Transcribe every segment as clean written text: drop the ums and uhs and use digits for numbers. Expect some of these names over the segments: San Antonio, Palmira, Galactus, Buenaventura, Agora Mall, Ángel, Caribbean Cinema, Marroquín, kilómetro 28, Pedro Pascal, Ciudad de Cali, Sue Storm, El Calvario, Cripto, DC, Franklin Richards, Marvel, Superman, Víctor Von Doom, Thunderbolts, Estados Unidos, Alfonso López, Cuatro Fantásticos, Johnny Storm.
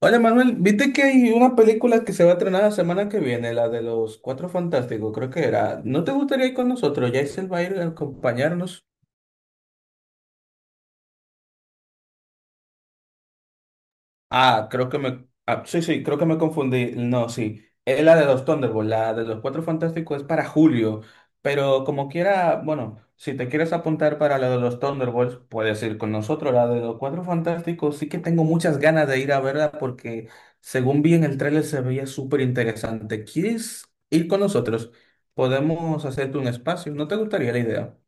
Oye, Manuel, ¿viste que hay una película que se va a estrenar la semana que viene, la de los Cuatro Fantásticos, creo que era? ¿No te gustaría ir con nosotros? Jaisel va a ir a acompañarnos. Ah, creo que me. Ah, Sí, sí, creo que me confundí. No, sí. Es la de los Thunderbolts, la de los Cuatro Fantásticos es para julio. Pero como quiera, bueno, si te quieres apuntar para la de los Thunderbolts, puedes ir con nosotros. La de los Cuatro Fantásticos sí que tengo muchas ganas de ir a verla porque según vi en el tráiler se veía súper interesante. ¿Quieres ir con nosotros? Podemos hacerte un espacio. ¿No te gustaría la idea?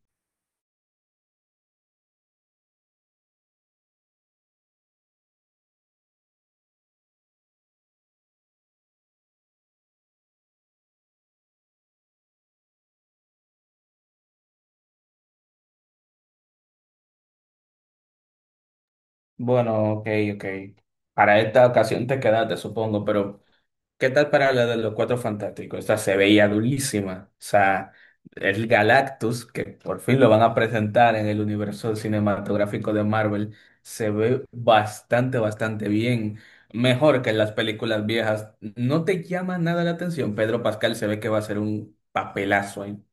Bueno, ok, ok. Para esta ocasión te quedaste, supongo, pero. ¿Qué tal para la de los Cuatro Fantásticos? Esta se veía durísima. O sea, el Galactus, que por fin lo van a presentar en el universo cinematográfico de Marvel, se ve bastante, bastante bien. Mejor que en las películas viejas. No te llama nada la atención. Pedro Pascal se ve que va a ser un papelazo ahí.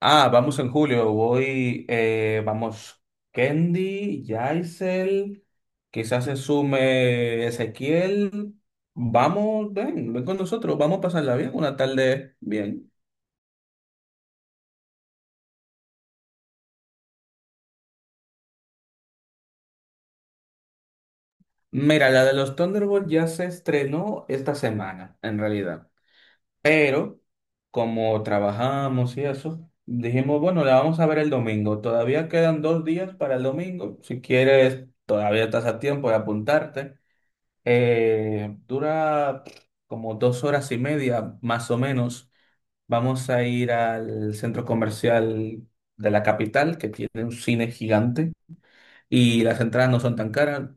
Ah, vamos en julio. Vamos, Kendi, Yaisel, quizás se sume Ezequiel. Vamos, ven, ven con nosotros, vamos a pasarla bien, una tarde bien. Mira, la de los Thunderbolts ya se estrenó esta semana, en realidad. Pero, como trabajamos y eso, dijimos, bueno, la vamos a ver el domingo. Todavía quedan 2 días para el domingo. Si quieres, todavía estás a tiempo de apuntarte. Dura como 2 horas y media, más o menos. Vamos a ir al centro comercial de la capital, que tiene un cine gigante, y las entradas no son tan caras.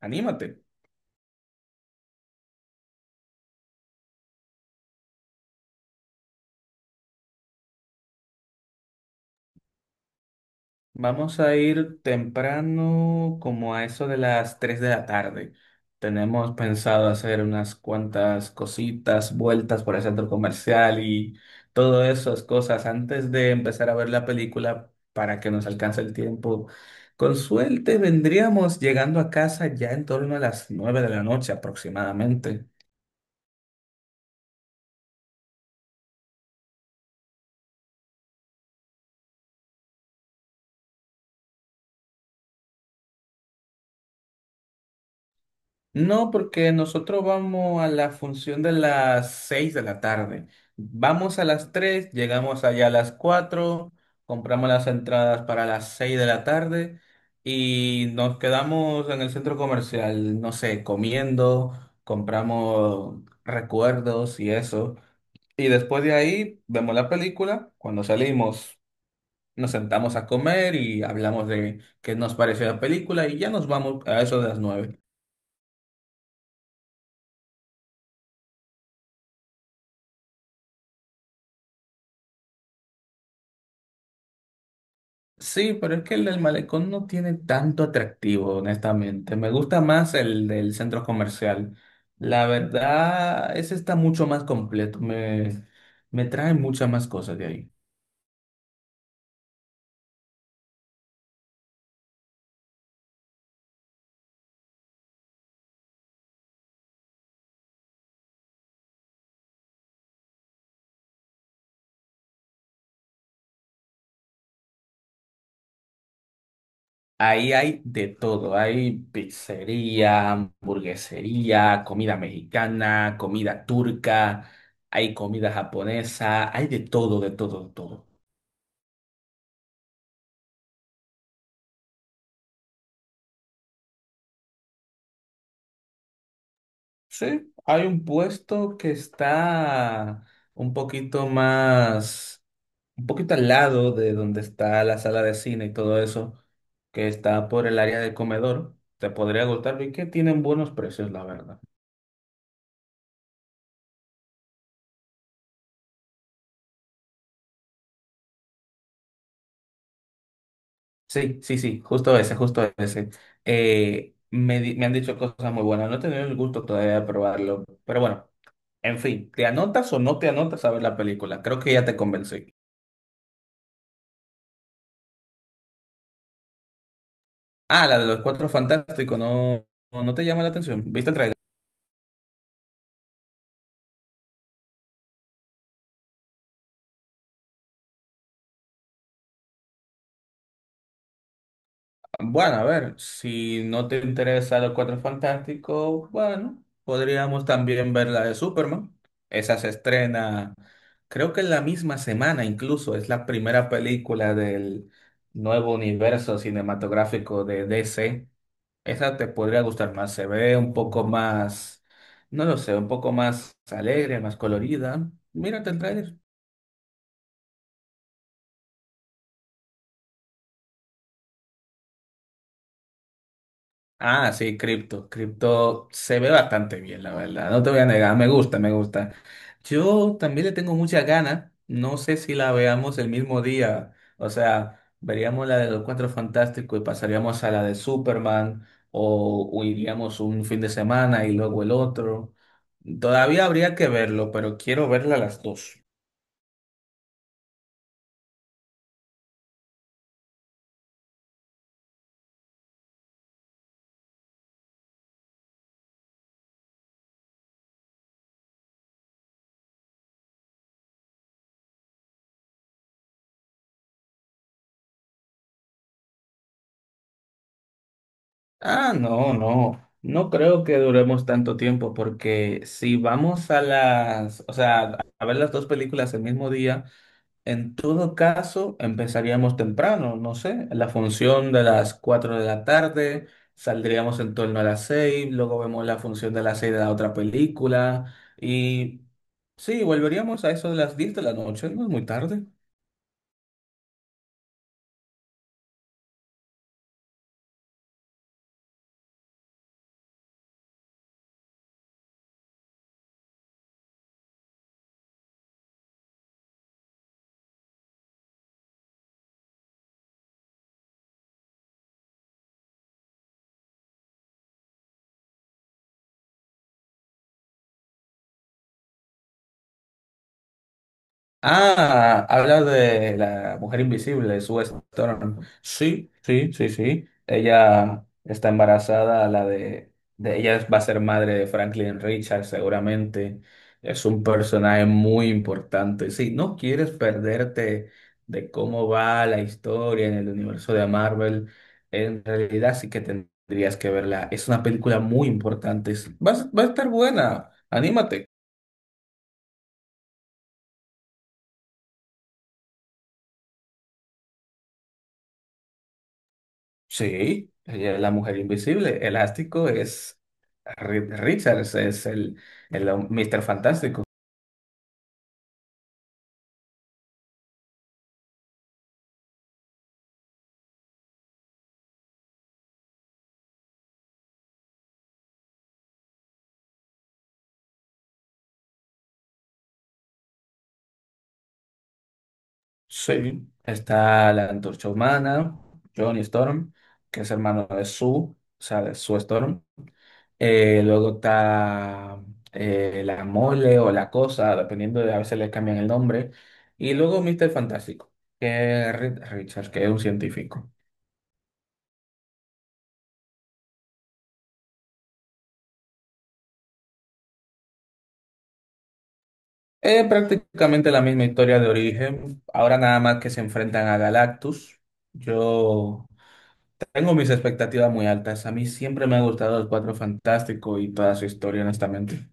Anímate. Vamos a ir temprano, como a eso de las 3 de la tarde. Tenemos pensado hacer unas cuantas cositas, vueltas por el centro comercial y todas esas cosas antes de empezar a ver la película para que nos alcance el tiempo. Con suerte vendríamos llegando a casa ya en torno a las 9 de la noche aproximadamente. No, porque nosotros vamos a la función de las 6 de la tarde. Vamos a las 3, llegamos allá a las 4, compramos las entradas para las 6 de la tarde y nos quedamos en el centro comercial, no sé, comiendo, compramos recuerdos y eso. Y después de ahí vemos la película. Cuando salimos, nos sentamos a comer y hablamos de qué nos pareció la película y ya nos vamos a eso de las 9. Sí, pero es que el del malecón no tiene tanto atractivo, honestamente. Me gusta más el del centro comercial. La verdad, ese está mucho más completo. Me trae muchas más cosas de ahí. Ahí hay de todo. Hay pizzería, hamburguesería, comida mexicana, comida turca, hay comida japonesa, hay de todo, de todo, de todo. Sí, hay un puesto que está un poquito más un poquito al lado de donde está la sala de cine y todo eso, que está por el área del comedor, te podría gustarlo y que tienen buenos precios, la verdad. Sí, sí, sí, justo ese, justo ese. Me han dicho cosas muy buenas, no he tenido el gusto todavía de probarlo, pero bueno, en fin, ¿te anotas o no te anotas a ver la película? Creo que ya te convencí. Ah, la de los Cuatro Fantásticos, no, no te llama la atención. ¿Viste el tráiler? Bueno, a ver, si no te interesa Los Cuatro Fantásticos, bueno, podríamos también ver la de Superman. Esa se estrena, creo que en la misma semana incluso, es la primera película del nuevo universo cinematográfico de DC. Esa te podría gustar más, se ve un poco más, no lo sé, un poco más alegre, más colorida. Mírate el tráiler. Ah, sí, Cripto. Cripto se ve bastante bien, la verdad. No te voy a negar, me gusta, me gusta. Yo también le tengo muchas ganas. No sé si la veamos el mismo día. O sea, veríamos la de los Cuatro Fantásticos y pasaríamos a la de Superman o iríamos un fin de semana y luego el otro. Todavía habría que verlo, pero quiero verla las dos. Ah, no, no. No creo que duremos tanto tiempo porque si vamos a las, o sea, a ver las dos películas el mismo día, en todo caso empezaríamos temprano, no sé, la función de las 4 de la tarde, saldríamos en torno a las 6, luego vemos la función de las 6 de la otra película y sí, volveríamos a eso de las 10 de la noche, no es muy tarde. Ah, habla de la mujer invisible, Sue Storm. Sí, sí, sí, sí. Ella está embarazada, la de ella va a ser madre de Franklin Richards, seguramente. Es un personaje muy importante. Si no quieres perderte de cómo va la historia en el universo de Marvel, en realidad sí que tendrías que verla. Es una película muy importante. Va a estar buena. Anímate. Sí, ella es la mujer invisible. Elástico es Richards, es el hom- Fantástico. Sí. Está la Antorcha Humana, Johnny Storm, que es hermano de Sue, o sea, de Sue Storm. Luego está la Mole o la Cosa, dependiendo de, a veces le cambian el nombre. Y luego Mr. Fantástico, que es Richards, que es un científico. Es prácticamente la misma historia de origen, ahora nada más que se enfrentan a Galactus. Yo tengo mis expectativas muy altas, a mí siempre me ha gustado el Cuatro Fantástico y toda su historia, honestamente.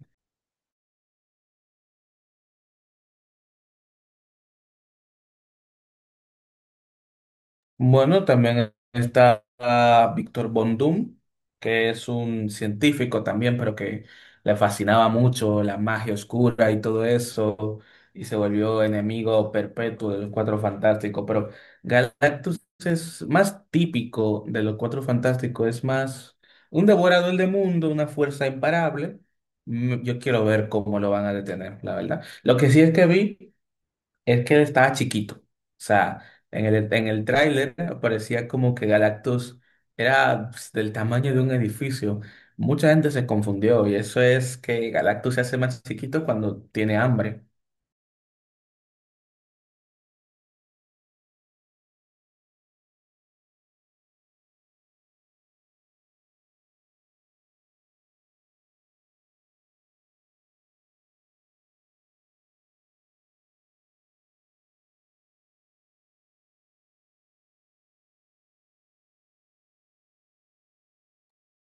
Bueno, también está Víctor Von Doom, que es un científico también, pero que le fascinaba mucho la magia oscura y todo eso, y se volvió enemigo perpetuo de los Cuatro Fantásticos. Pero Galactus es más típico de los Cuatro Fantásticos, es más un devorador de mundo, una fuerza imparable. Yo quiero ver cómo lo van a detener, la verdad. Lo que sí es que vi. Es que él estaba chiquito. O sea, en el tráiler parecía como que Galactus era pues, del tamaño de un edificio. Mucha gente se confundió y eso es que Galactus se hace más chiquito cuando tiene hambre.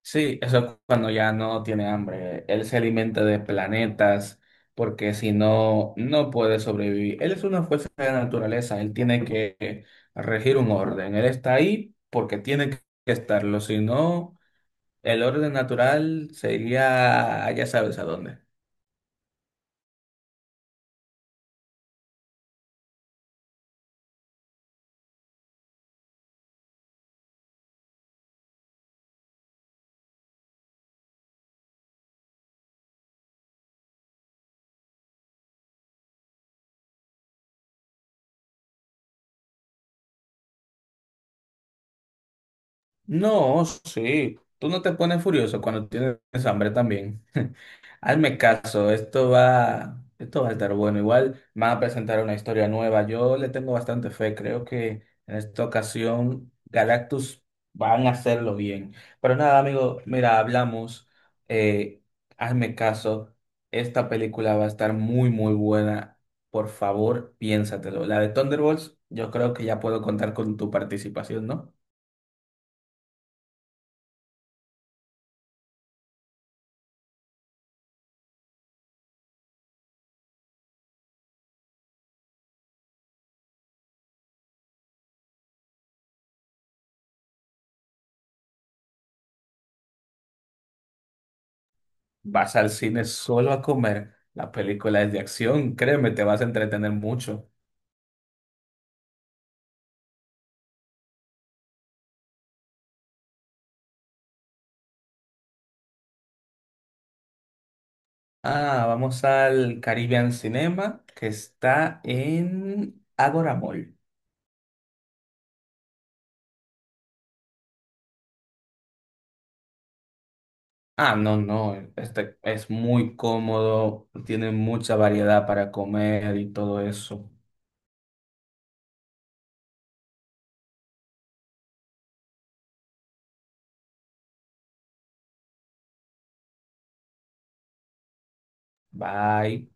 Sí, eso es cuando ya no tiene hambre. Él se alimenta de planetas porque si no, no puede sobrevivir. Él es una fuerza de la naturaleza. Él tiene que regir un orden. Él está ahí porque tiene que estarlo. Si no… El orden natural sería, ya sabes a dónde. No, sí. Tú no te pones furioso cuando tienes hambre también. Hazme caso, esto va a estar bueno. Igual van a presentar una historia nueva. Yo le tengo bastante fe. Creo que en esta ocasión Galactus van a hacerlo bien. Pero nada, amigo, mira, hablamos. Eh, Hazme caso. Esta película va a estar muy, muy buena. Por favor, piénsatelo. La de Thunderbolts, yo creo que ya puedo contar con tu participación, ¿no? Vas al cine solo a comer. La película es de acción, créeme, te vas a entretener mucho. Ah, vamos al Caribbean Cinema, que está en Agora Mall. Ah, no, no, este es muy cómodo, tiene mucha variedad para comer y todo eso. Bye.